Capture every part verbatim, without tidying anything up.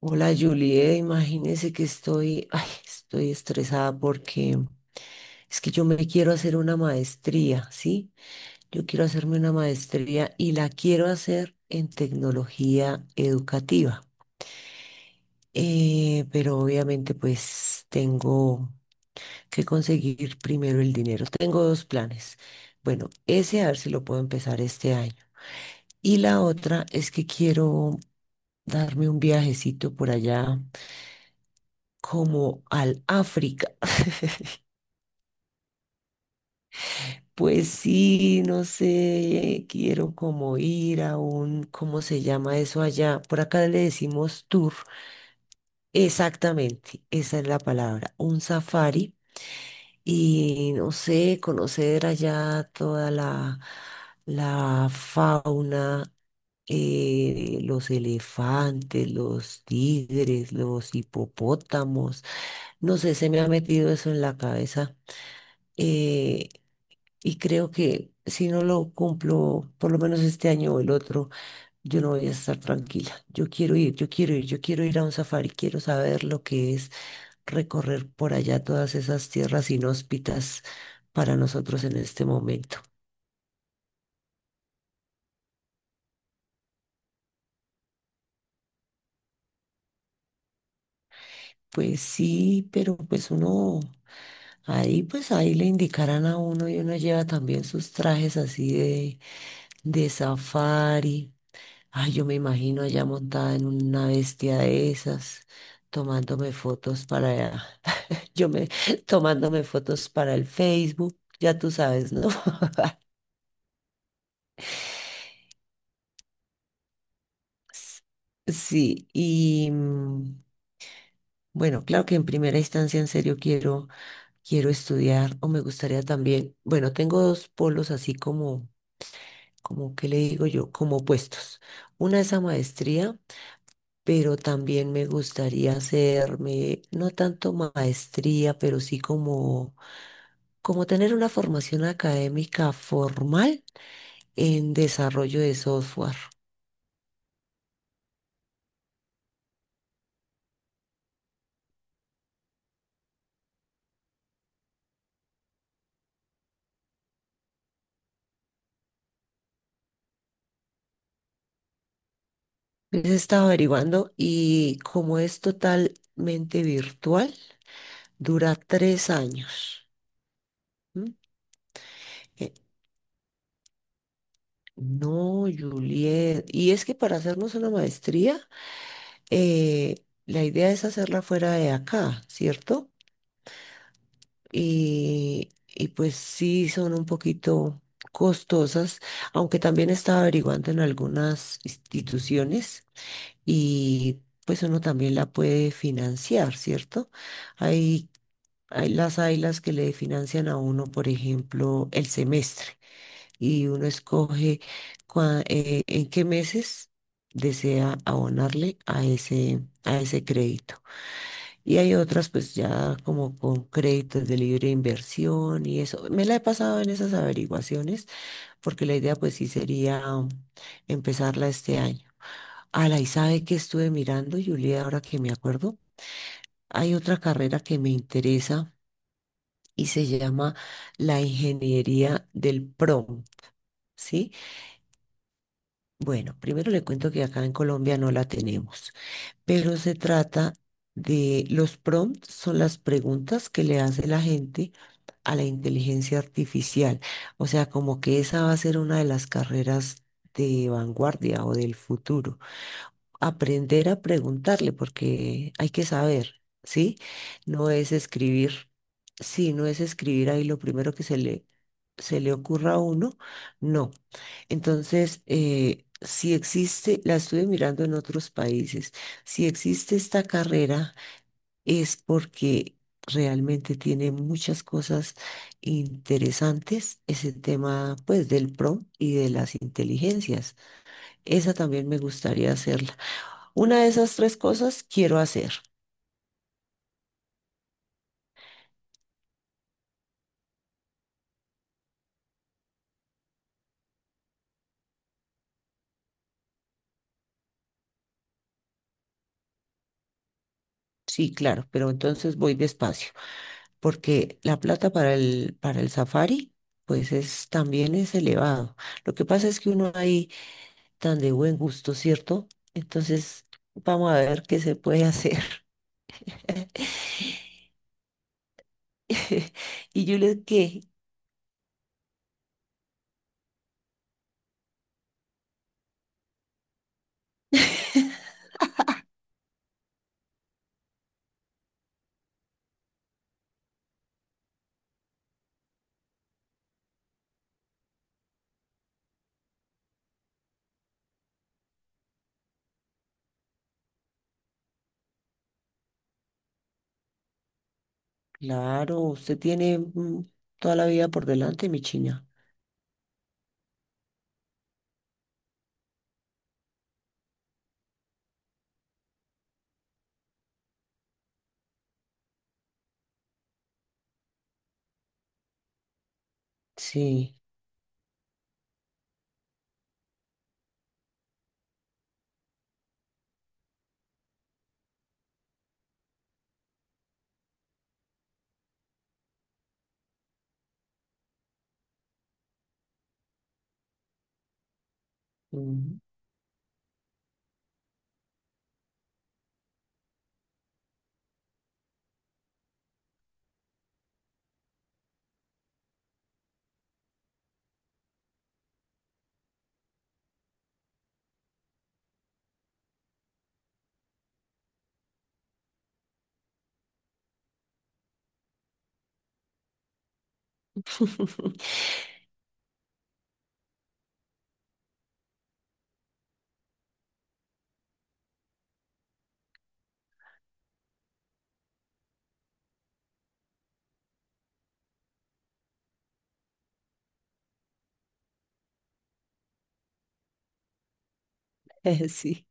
Hola Juliet, imagínese que estoy, ay, estoy estresada porque es que yo me quiero hacer una maestría, ¿sí? Yo quiero hacerme una maestría y la quiero hacer en tecnología educativa. Eh, pero obviamente pues tengo que conseguir primero el dinero. Tengo dos planes. Bueno, ese a ver si lo puedo empezar este año. Y la otra es que quiero darme un viajecito por allá como al África. Pues sí, no sé, quiero como ir a un, ¿cómo se llama eso allá? Por acá le decimos tour. Exactamente, esa es la palabra, un safari. Y no sé, conocer allá toda la, la fauna, eh, los elefantes, los tigres, los hipopótamos. No sé, se me ha metido eso en la cabeza. eh, y creo que si no lo cumplo, por lo menos este año o el otro, yo no voy a estar tranquila. Yo quiero ir, yo quiero ir, yo quiero ir a un safari, quiero saber lo que es recorrer por allá todas esas tierras inhóspitas para nosotros en este momento. Pues sí, pero pues uno, ahí pues ahí le indicarán a uno y uno lleva también sus trajes así de, de safari. Ay, yo me imagino allá montada en una bestia de esas, tomándome fotos para, yo me, tomándome fotos para el Facebook, ya tú sabes, ¿no? S- Sí, y mm, bueno, claro que en primera instancia en serio quiero, quiero estudiar o me gustaría también, bueno, tengo dos polos así como, como, ¿qué le digo yo? Como opuestos. Una es a maestría, pero también me gustaría hacerme, no tanto maestría, pero sí como como tener una formación académica formal en desarrollo de software. He estaba averiguando y como es totalmente virtual, dura tres años. ¿M? Eh, No, Juliet. Y es que para hacernos una maestría, eh, la idea es hacerla fuera de acá, ¿cierto? Y, y pues sí, son un poquito costosas, aunque también estaba averiguando en algunas instituciones y pues uno también la puede financiar, ¿cierto? Hay, hay las hay las que le financian a uno, por ejemplo, el semestre y uno escoge cua- eh, en qué meses desea abonarle a ese, a ese crédito. Y hay otras pues ya como con créditos de libre inversión y eso. Me la he pasado en esas averiguaciones porque la idea pues sí sería empezarla este año. Ala, y sabe que estuve mirando, Julia, ahora que me acuerdo, hay otra carrera que me interesa y se llama la ingeniería del P R O M, ¿sí? Bueno, primero le cuento que acá en Colombia no la tenemos. Pero se trata de los prompts, son las preguntas que le hace la gente a la inteligencia artificial. O sea, como que esa va a ser una de las carreras de vanguardia o del futuro, aprender a preguntarle porque hay que saber, ¿sí? No es escribir. Sí, no es escribir ahí lo primero que se le, se le ocurra a uno, no. Entonces, eh, si existe, la estuve mirando en otros países, si existe esta carrera es porque realmente tiene muchas cosas interesantes, ese tema pues del P R O y de las inteligencias. Esa también me gustaría hacerla. Una de esas tres cosas quiero hacer. Sí, claro, pero entonces voy despacio, porque la plata para el, para el safari, pues es, también es elevado. Lo que pasa es que uno ahí tan de buen gusto, ¿cierto? Entonces, vamos a ver qué se puede hacer. Y yo le ¿qué? Claro, usted tiene mm, toda la vida por delante, mi china. Sí. Mm. Sí,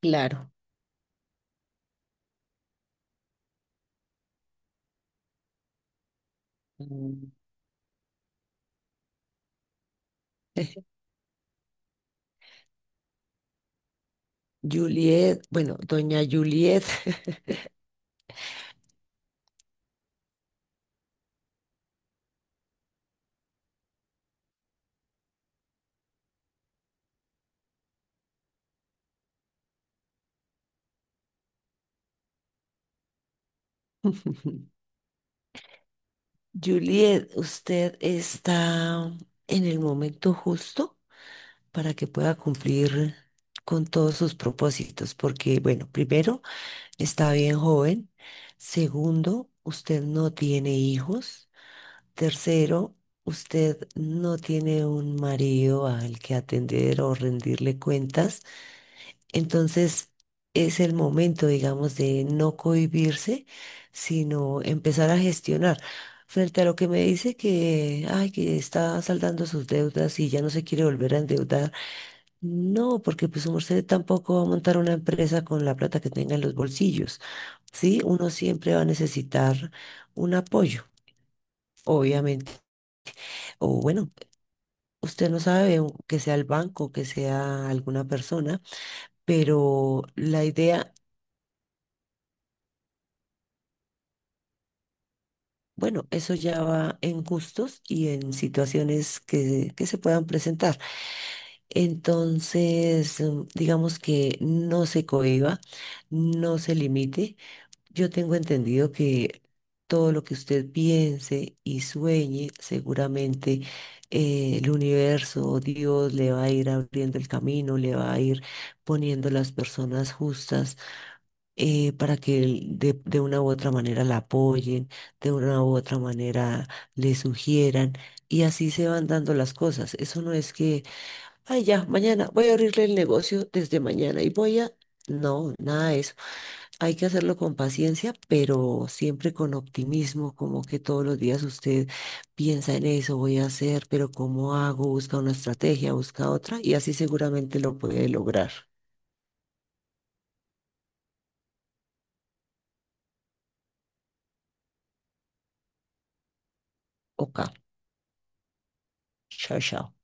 claro. Mm. Juliet, bueno, doña Juliet. Juliet, usted está en el momento justo para que pueda cumplir con todos sus propósitos, porque, bueno, primero, está bien joven. Segundo, usted no tiene hijos. Tercero, usted no tiene un marido al que atender o rendirle cuentas. Entonces es el momento, digamos, de no cohibirse, sino empezar a gestionar. Frente a lo que me dice que, ay, que está saldando sus deudas y ya no se quiere volver a endeudar. No, porque pues usted tampoco va a montar una empresa con la plata que tenga en los bolsillos. Sí, uno siempre va a necesitar un apoyo, obviamente. O bueno, usted no sabe u- que sea el banco, que sea alguna persona, pero la idea. Bueno, eso ya va en gustos y en situaciones que, que se puedan presentar. Entonces, mm, digamos que no se cohíba, no se limite. Yo tengo entendido que todo lo que usted piense y sueñe, seguramente eh, el universo, o Dios, le va a ir abriendo el camino, le va a ir poniendo las personas justas, eh, para que de, de una u otra manera la apoyen, de una u otra manera le sugieran, y así se van dando las cosas. Eso no es que, ay, ya, mañana voy a abrirle el negocio desde mañana y voy a... No, nada de eso. Hay que hacerlo con paciencia, pero siempre con optimismo, como que todos los días usted piensa en eso, voy a hacer, pero ¿cómo hago? Busca una estrategia, busca otra, y así seguramente lo puede lograr. Ok, chao, chao.